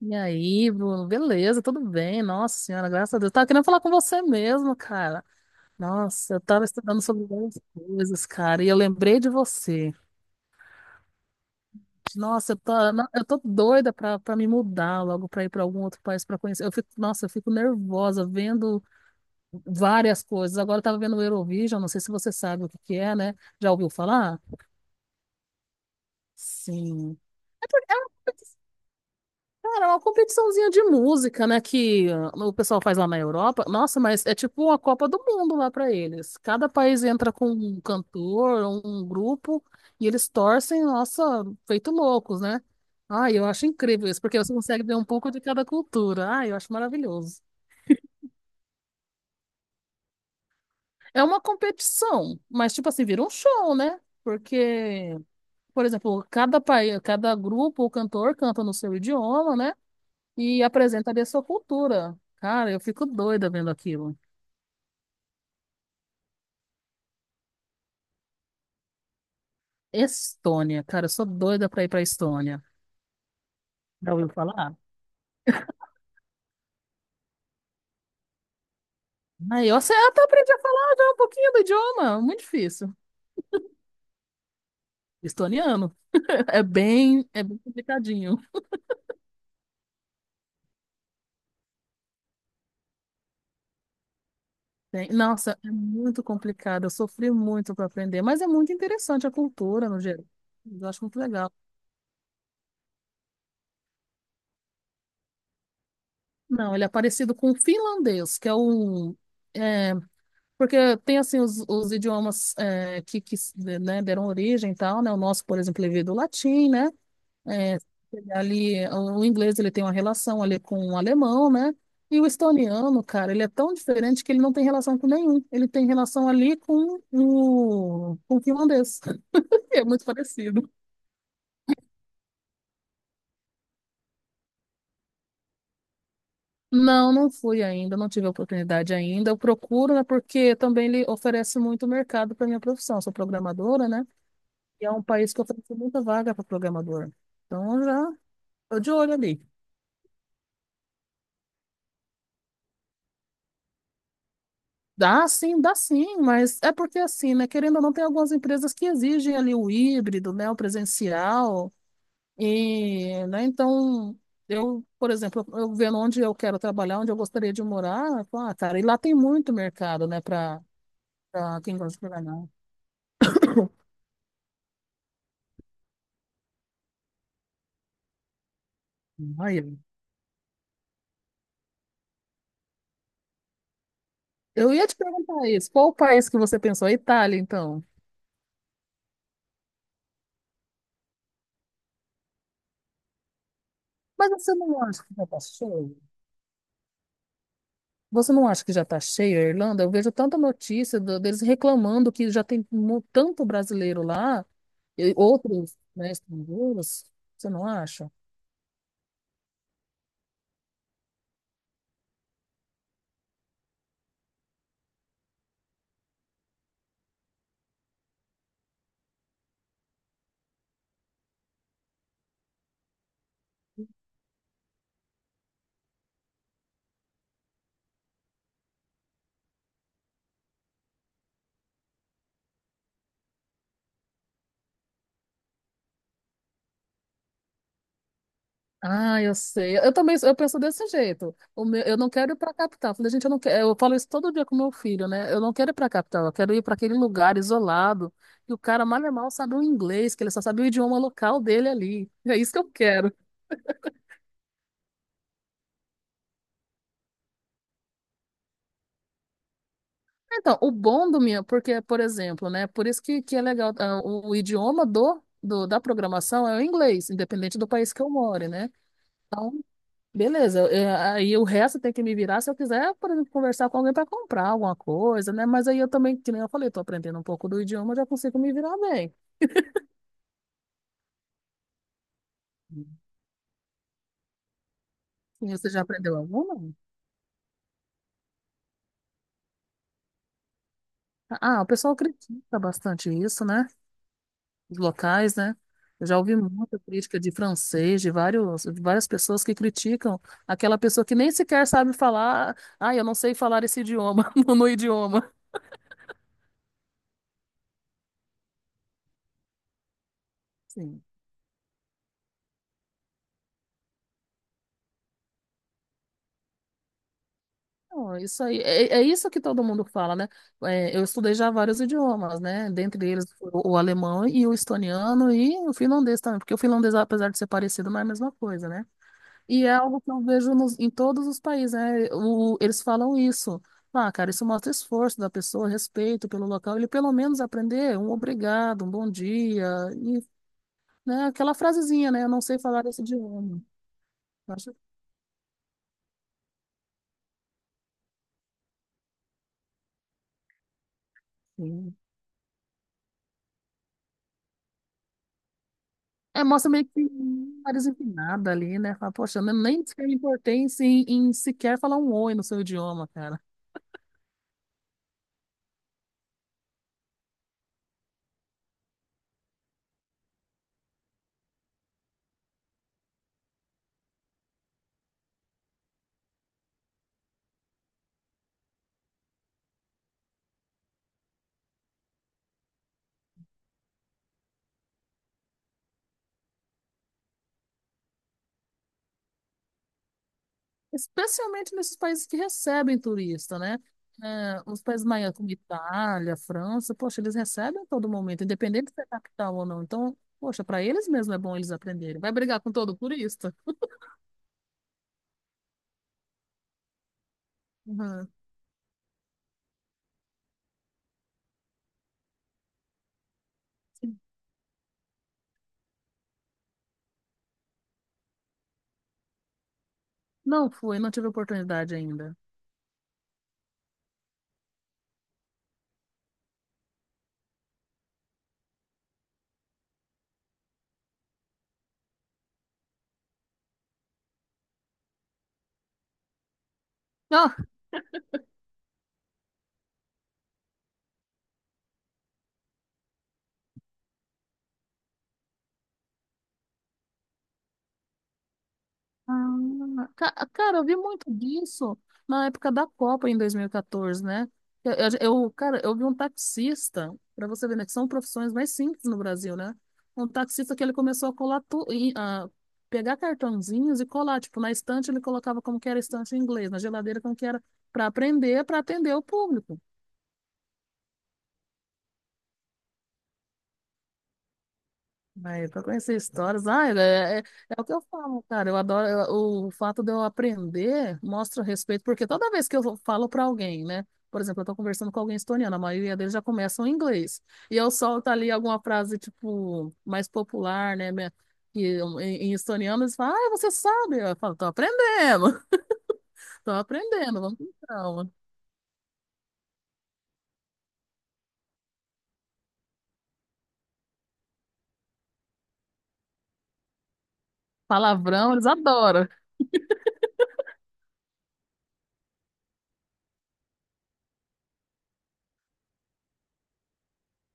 E aí, Bruno? Beleza, tudo bem? Nossa senhora, graças a Deus. Tava querendo falar com você mesmo, cara. Nossa, eu tava estudando sobre várias coisas, cara, e eu lembrei de você. Nossa, eu tô doida pra me mudar logo, pra ir pra algum outro país pra conhecer. Eu fico, nossa, eu fico nervosa vendo várias coisas. Agora eu tava vendo o Eurovision, não sei se você sabe o que que é, né? Já ouviu falar? Sim. Cara, é uma competiçãozinha de música, né, que o pessoal faz lá na Europa. Nossa, mas é tipo uma Copa do Mundo lá pra eles. Cada país entra com um cantor, um grupo, e eles torcem, nossa, feito loucos, né? Ai, eu acho incrível isso, porque você consegue ver um pouco de cada cultura. Ai, eu acho maravilhoso. É uma competição, mas tipo assim, vira um show, né? Porque, por exemplo, cada país, cada grupo ou cantor canta no seu idioma, né? E apresenta ali a sua cultura. Cara, eu fico doida vendo aquilo. Estônia, cara, eu sou doida pra ir pra Estônia. Já ouviu falar? Aí eu sei, até aprendi a falar já um pouquinho do idioma, muito difícil. Estoniano. É bem complicadinho. Nossa, é muito complicado. Eu sofri muito para aprender, mas é muito interessante a cultura no geral. Eu acho muito legal. Não, ele é parecido com o finlandês, que é um. É, porque tem, assim, os idiomas que, né, deram origem e tal, né? O nosso, por exemplo, ele veio do latim, né? É, ali, o inglês, ele tem uma relação ali com o alemão, né? E o estoniano, cara, ele é tão diferente que ele não tem relação com nenhum. Ele tem relação ali com com o finlandês. É muito parecido. Não, não fui ainda, não tive a oportunidade ainda. Eu procuro, né? Porque também ele oferece muito mercado para minha profissão. Eu sou programadora, né? E é um país que oferece muita vaga para programador. Então, eu já tô de olho ali. Dá sim, mas é porque assim, né? Querendo ou não, tem algumas empresas que exigem ali o híbrido, né? O presencial. E, né? Então, eu, por exemplo, eu vendo onde eu quero trabalhar, onde eu gostaria de morar, eu falo, ah, cara, e lá tem muito mercado, né? Para quem gosta de programar. Aí, eu ia te perguntar isso. Qual o país que você pensou? A Itália, então. Mas você não acha que vai estar cheio? Você não acha que já está cheio a Irlanda? Eu vejo tanta notícia deles reclamando que já tem tanto brasileiro lá, e outros, né, estrangeiros. Você não acha? Ah, eu sei. Eu também, eu penso desse jeito. O meu, eu não quero ir para a capital. Eu falei, gente, eu não quero. Eu falo isso todo dia com meu filho, né? Eu não quero ir para a capital. Eu quero ir para aquele lugar isolado que o cara mal e mal sabe o inglês, que ele só sabe o idioma local dele ali. É isso que eu quero. Então, o bom do meu, porque, por exemplo, né? Por isso que é legal, o idioma da programação é o inglês, independente do país que eu more, né? Beleza, aí o resto tem que me virar se eu quiser, por exemplo, conversar com alguém para comprar alguma coisa, né? Mas aí eu também, que nem eu falei, tô aprendendo um pouco do idioma, eu já consigo me virar bem. E você já aprendeu alguma? Ah, o pessoal critica bastante isso, né? Os locais, né? Eu já ouvi muita crítica de francês, de vários, de várias pessoas que criticam aquela pessoa que nem sequer sabe falar, ah, eu não sei falar esse idioma, no idioma. Sim. Então, é isso aí, é isso que todo mundo fala, né? É, eu estudei já vários idiomas, né? Dentre eles o alemão e o estoniano e o finlandês também, porque o finlandês, apesar de ser parecido, não é a mesma coisa, né? E é algo que eu vejo em todos os países, né? Eles falam isso. Ah, cara, isso mostra esforço da pessoa, respeito pelo local. Ele pelo menos aprender um obrigado, um bom dia, e, né, aquela frasezinha, né? Eu não sei falar esse idioma. Eu acho que sim. É, mostra meio que nariz empinada ali, né? Fala, poxa, eu nem sequer me importei em, em sequer falar um oi no seu idioma, cara. Especialmente nesses países que recebem turista, né? É, os países maiores, como Itália, França, poxa, eles recebem a todo momento, independente se é capital ou não. Então, poxa, para eles mesmo é bom eles aprenderem. Vai brigar com todo turista? Uhum. Não fui, não tive oportunidade ainda. Ah, cara, eu vi muito disso na época da Copa em 2014, né? Eu, eu- cara, eu vi um taxista, para você ver, né, que são profissões mais simples no Brasil, né? Um taxista que ele começou a colar tu, e, a pegar cartãozinhos e colar, tipo, na estante ele colocava como que era a estante em inglês, na geladeira como que era, para aprender, para atender o público. Mas pra conhecer histórias, ah, é, é o que eu falo, cara. Eu adoro o fato de eu aprender mostra respeito, porque toda vez que eu falo pra alguém, né? Por exemplo, eu tô conversando com alguém estoniano, a maioria deles já começam em inglês. E eu solto ali alguma frase, tipo, mais popular, né? Que, em estoniano eles falam, ah, você sabe? Eu falo, tô aprendendo, tô aprendendo, vamos com calma. Palavrão, eles adoram.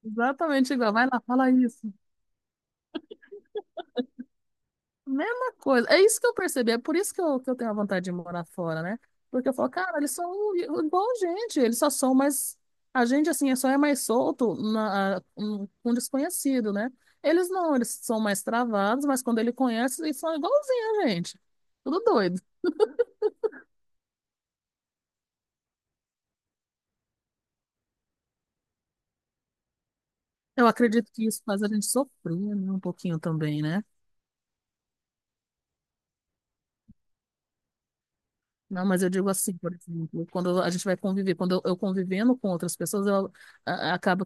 Exatamente igual. Vai lá, fala isso. Mesma coisa. É isso que eu percebi. É por isso que eu tenho a vontade de morar fora, né? Porque eu falo, cara, eles são igual a gente. Eles só são mais. A gente, assim, é só é mais solto na, um desconhecido, né? Eles não, eles são mais travados, mas quando ele conhece, eles são igualzinho a gente. Tudo doido. Eu acredito que isso faz a gente sofrer, né? Um pouquinho também, né? Não, mas eu digo assim, por exemplo, quando a gente vai conviver, eu convivendo com outras pessoas, acaba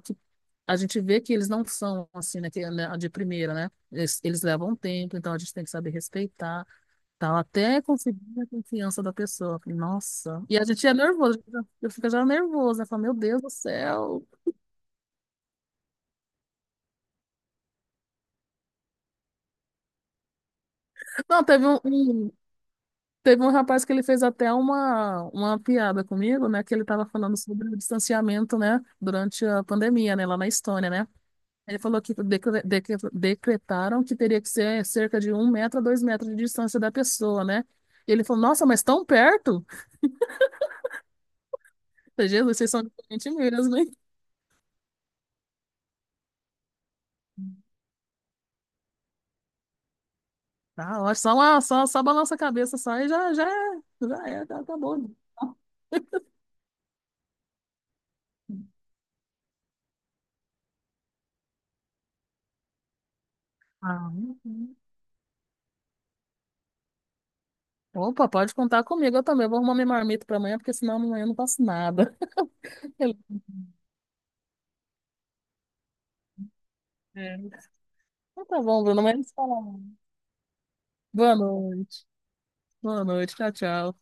a gente vê que eles não são assim, né, é, né, de primeira, né? Eles levam um tempo, então a gente tem que saber respeitar, tal, até conseguir a confiança da pessoa. Eu falei, nossa. E a gente é nervoso, eu fico já nervosa, né? Falo, meu Deus do céu. Não, teve teve um rapaz que ele fez até uma piada comigo, né? Que ele estava falando sobre o distanciamento, né? Durante a pandemia, né? Lá na Estônia, né? Ele falou que decretaram que teria que ser cerca de 1 metro a 2 metros de distância da pessoa, né? E ele falou, nossa, mas tão perto? Falei, Jesus, vocês são diferentes mesmo, hein? Ah, eu só, uma, só, só balança a cabeça só e já é, já acabou, né? Ah, uhum. Opa, pode contar comigo, eu também. Eu vou arrumar minha marmita para amanhã, porque senão amanhã eu não faço nada. É. Então tá bom, Bruno, mas a gente se fala amanhã. Boa noite. Boa noite, tchau, tchau.